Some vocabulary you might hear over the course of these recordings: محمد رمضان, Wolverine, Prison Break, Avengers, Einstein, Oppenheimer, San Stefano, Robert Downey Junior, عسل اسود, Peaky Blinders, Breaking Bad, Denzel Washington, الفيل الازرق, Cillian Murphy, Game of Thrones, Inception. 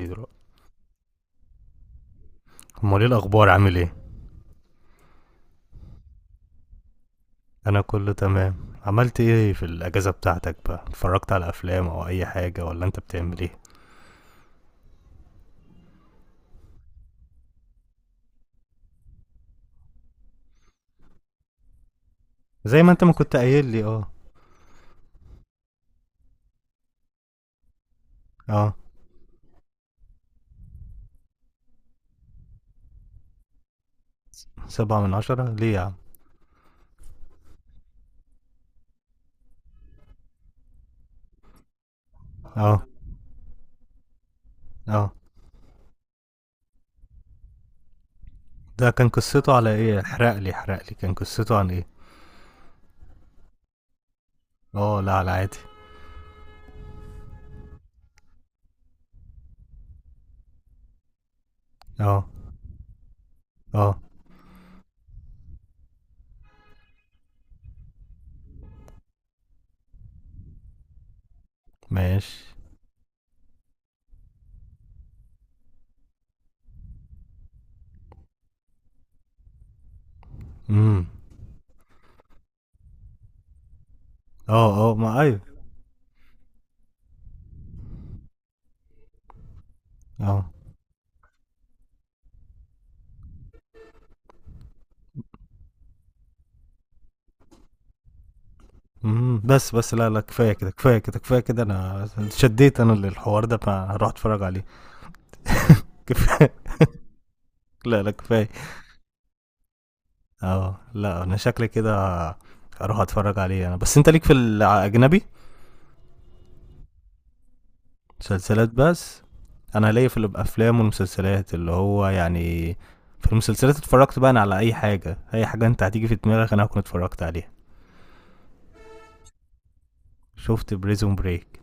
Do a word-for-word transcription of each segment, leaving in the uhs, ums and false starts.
ايه دلوقتي؟ امال ايه الاخبار، عامل ايه؟ انا كله تمام. عملت ايه في الاجازه بتاعتك بقى، اتفرجت على افلام او اي حاجه، ولا انت بتعمل ايه؟ زي ما انت ما كنت قايل لي، اه. اه. سبعة من عشرة ليه يا عم؟ اه. اه. ده كان قصته على ايه؟ احرق لي احرق لي، كان قصته عن ايه؟ اه لا، على عادي. اه. اه. ماشي. امم. اه. اه. ما ايوه. اه. امم، بس بس لا لا، كفايه كده، كفايه كده، كفايه كده. انا شديت انا للحوار ده، فهروح اتفرج عليه. كفايه. لا لا كفايه. اه لا، انا شكلي كده هروح اتفرج عليه انا. بس انت ليك في الاجنبي؟ مسلسلات بس. انا ليا في الافلام والمسلسلات، اللي هو يعني، في المسلسلات اتفرجت بقى انا على اي حاجه. اي حاجه انت هتيجي في دماغك انا هكون اتفرجت عليها. شفت بريزون بريك.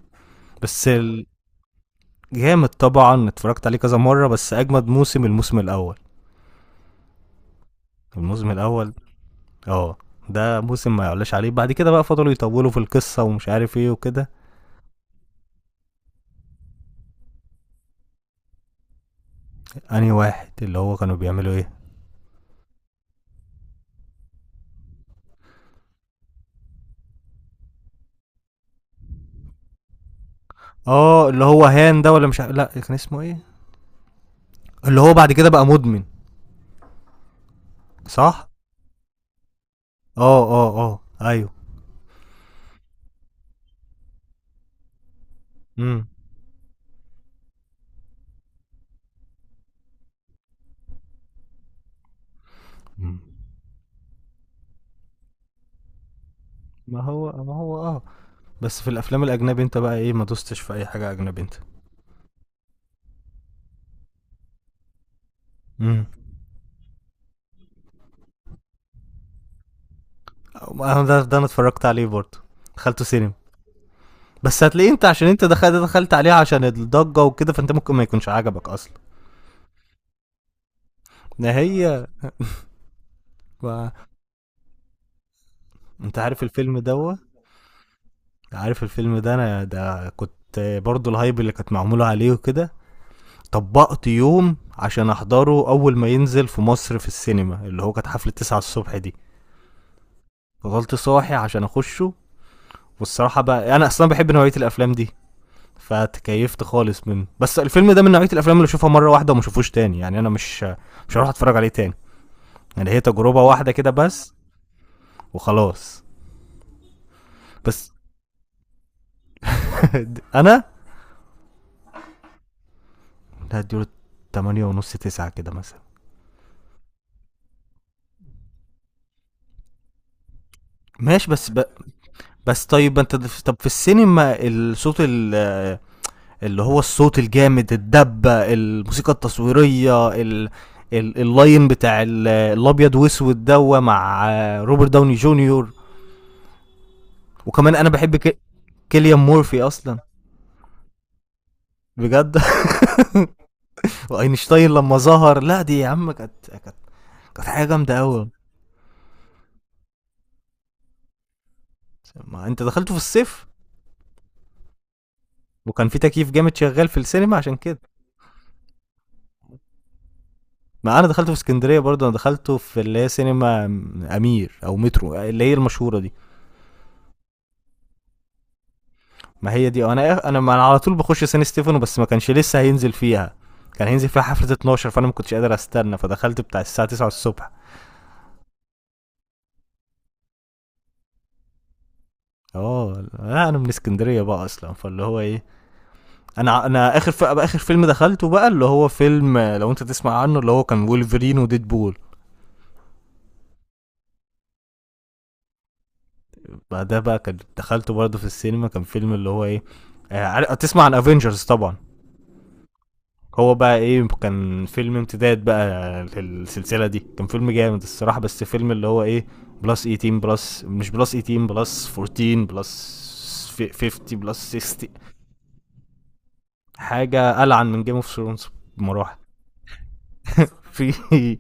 بس ال- جامد طبعا، اتفرجت عليه كذا مره. بس اجمد موسم الموسم الاول، الموسم الاول. اه. ده موسم ما يعلاش عليه، بعد كده بقى فضلوا يطولوا في القصه ومش عارف ايه وكده. انهي واحد اللي هو كانوا بيعملوا ايه؟ اه، اللي هو هان ده، ولا مش ع- لا كان اسمه ايه؟ اللي هو بعد كده بقى مدمن، صح. اه اه اه. ايوه. امم. مم. ما هو ما هو اه. بس في الافلام الاجنبي انت بقى ايه، ما دوستش في اي حاجه اجنبي انت؟ امم. انا ده, ده انا اتفرجت عليه برضه، دخلته سينما. بس هتلاقيه انت، عشان انت دخلت دخلت عليه عشان الضجه وكده، فانت ممكن ما يكونش عجبك اصلا. ده هي. ما... انت عارف الفيلم دوت؟ عارف الفيلم ده، انا ده كنت برضه الهايب اللي كانت معموله عليه وكده. طبقت يوم عشان احضره اول ما ينزل في مصر في السينما، اللي هو كانت حفله تسعة الصبح دي. فضلت صاحي عشان اخشه. والصراحه بقى انا اصلا بحب نوعيه الافلام دي، فتكيفت خالص منه. بس الفيلم ده من نوعيه الافلام اللي اشوفها مره واحده وما اشوفوش تاني. يعني انا مش مش هروح اتفرج عليه تاني. يعني هي تجربه واحده كده بس وخلاص. بس انا هديله تمنية ونص، تسعة كده مثلا. ماشي. بس ب... بس طيب انت، طب في السينما، الصوت ال... اللي هو الصوت الجامد، الدبة، الموسيقى التصويرية، ال... ال... اللاين بتاع ال- الابيض واسود دوا مع آه، روبرت داوني جونيور. وكمان انا بحب ك... كيليان مورفي اصلا، بجد. واينشتاين لما ظهر، لا دي يا عم كانت كانت كانت حاجه جامده قوي. ما انت دخلته في الصيف، وكان في تكييف جامد شغال في السينما عشان كده. ما انا دخلته في اسكندريه برضه، انا دخلته في اللي هي سينما امير او مترو، اللي هي المشهوره دي. ما هي دي انا. إيه، انا ما أنا على طول بخش سان ستيفانو، بس ما كانش لسه هينزل فيها، كان هينزل فيها حفله اتناشر. فانا ما كنتش قادر استنى، فدخلت بتاع الساعه تسعة الصبح. اه لا، انا من اسكندريه بقى اصلا، فاللي هو ايه، انا انا اخر ف... اخر فيلم دخلته بقى، اللي هو فيلم، لو انت تسمع عنه، اللي هو كان وولفرين وديد بول. بعدها بقى كان دخلته برضه في السينما، كان فيلم اللي هو ايه، آه، عارف- تسمع عن افنجرز طبعا. هو بقى ايه، كان فيلم امتداد بقى للسلسله دي، كان فيلم جامد الصراحه. بس فيلم اللي هو ايه، بلس تمنتاشر بلس مش بلس تمنتاشر بلس اربعتاشر بلس خمسين بلس ستين. حاجه العن من جيم اوف ثرونز بمراحل. في،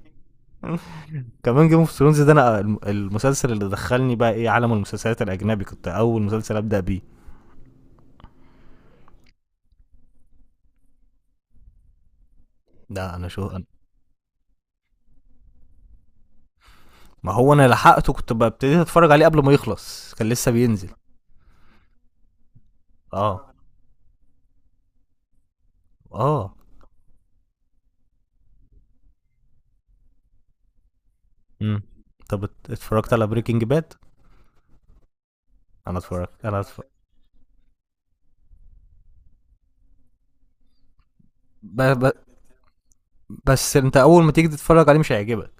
كمان جيم اوف ثرونز ده، انا المسلسل اللي دخلني بقى ايه عالم المسلسلات الاجنبي، كنت اول مسلسل ابدا بيه. ده انا شو أنا. ما هو انا لحقته، كنت ببتدي اتفرج عليه قبل ما يخلص، كان لسه بينزل. اه. اه. مم. طب ات- اتفرجت على بريكنج باد؟ انا اتفرجت انا اتفرجت ب... ب... بس انت اول ما تيجي تتفرج عليه مش هيعجبك.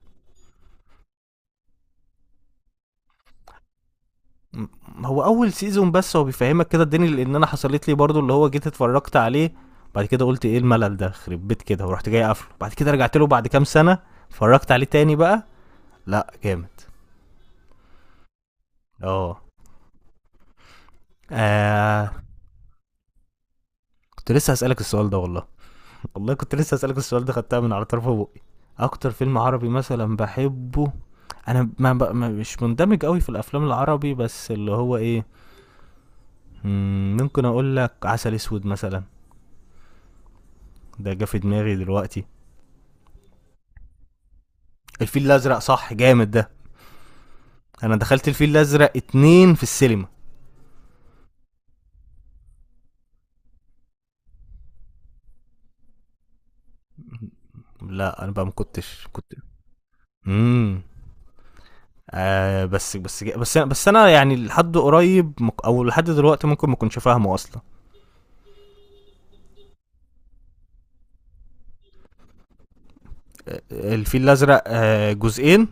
م- هو اول سيزون بس، هو بيفهمك كده الدنيا. لان انا حصلت لي برضو اللي هو جيت اتفرجت عليه، بعد كده قلت ايه الملل ده خرب بيت كده، ورحت جاي قافله. بعد كده رجعت له بعد كام سنه، اتفرجت عليه تاني بقى. لا جامد. اه. آه. كنت لسه هسألك السؤال ده والله. والله كنت لسه اسالك السؤال ده، خدتها من على طرف بقي. اكتر فيلم عربي مثلا بحبه. انا ما ب... ما مش مندمج قوي في الافلام العربي. بس اللي هو ايه، مم، ممكن اقول لك عسل اسود مثلا. ده جه في دماغي دلوقتي. الفيل الازرق صح، جامد ده. انا دخلت الفيل الازرق اتنين في السينما. لا انا بقى ما كنتش كنت. امم. آه بس بس بس انا بس انا يعني لحد قريب، مك- او لحد دلوقتي ممكن ما كنتش فاهمه اصلا. آه، آه، الفيل الازرق، آه جزئين.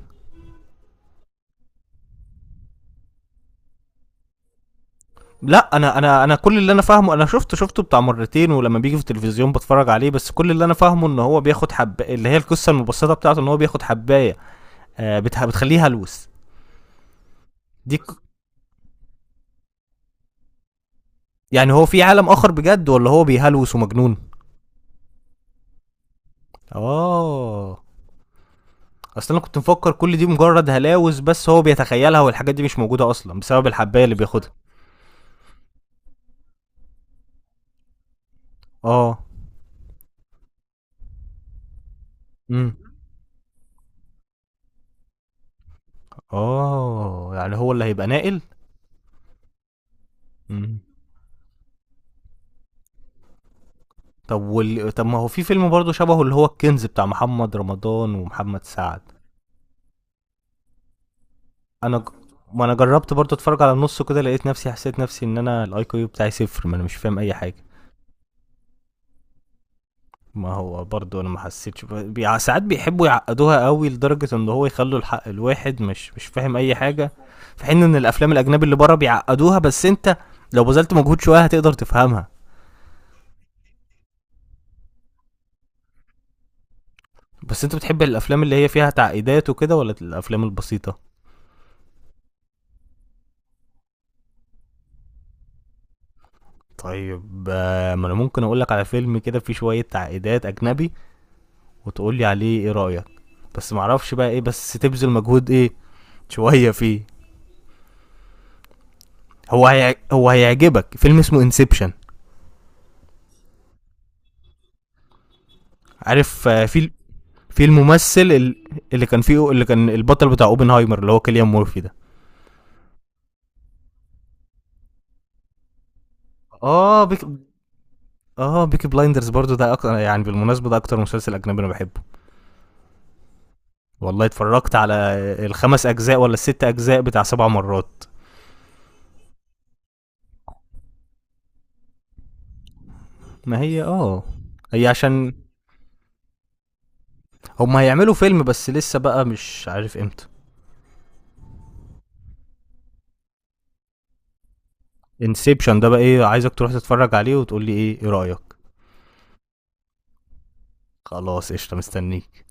لا، انا انا انا كل اللي انا فاهمه، انا شفته شفته بتاع مرتين، ولما بيجي في التلفزيون بتفرج عليه. بس كل اللي انا فاهمه ان هو بياخد حب، اللي هي القصه المبسطه بتاعته، ان هو بياخد حبايه، آه، بتح- بتخليه هلوس. دي ك- يعني هو في عالم اخر بجد، ولا هو بيهلوس ومجنون؟ اه. اصل انا كنت مفكر كل دي مجرد هلاوس، بس هو بيتخيلها والحاجات دي مش موجوده اصلا، بسبب الحبايه اللي بياخدها. اه. امم. اه يعني هو اللي هيبقى ناقل. امم. طب وال... طب ما هو في فيلم برضه شبهه، اللي هو الكنز بتاع محمد رمضان ومحمد سعد. انا ج... ما انا جربت برضه اتفرج على النص كده، لقيت نفسي، حسيت نفسي ان انا الاي كيو بتاعي صفر، ما انا مش فاهم اي حاجه. ما هو برضه انا ما حسيتش، ب... بي... ساعات بيحبوا يعقدوها قوي لدرجه ان هو يخلوا الحق الواحد مش مش فاهم اي حاجه. في حين ان الافلام الاجنبي اللي بره بيعقدوها، بس انت لو بذلت مجهود شويه هتقدر تفهمها. بس انت بتحب الافلام اللي هي فيها تعقيدات وكده، ولا الافلام البسيطه؟ طيب آه، ما انا ممكن اقولك على فيلم كده فيه شوية تعقيدات اجنبي، وتقولي عليه ايه رأيك. بس معرفش بقى ايه، بس تبذل مجهود ايه، شوية فيه. هو هيع... هو هيعجبك فيلم اسمه انسبشن. عارف، آه، في ال- في الممثل ال- اللي كان فيه، اللي كان البطل بتاع اوبنهايمر، اللي هو كيليان مورفي ده. اه بيك. اه بيكي بلايندرز برضو، ده اكتر، يعني بالمناسبة، ده اكتر مسلسل اجنبي انا بحبه. والله اتفرجت على الخمس اجزاء ولا الست اجزاء بتاع سبع مرات. ما هي اه، هي عشان هم هيعملوا فيلم، بس لسه بقى مش عارف امتى. انسبشن ده بقى ايه، عايزك تروح تتفرج عليه وتقول لي ايه، ايه رايك. خلاص قشطه، مستنيك.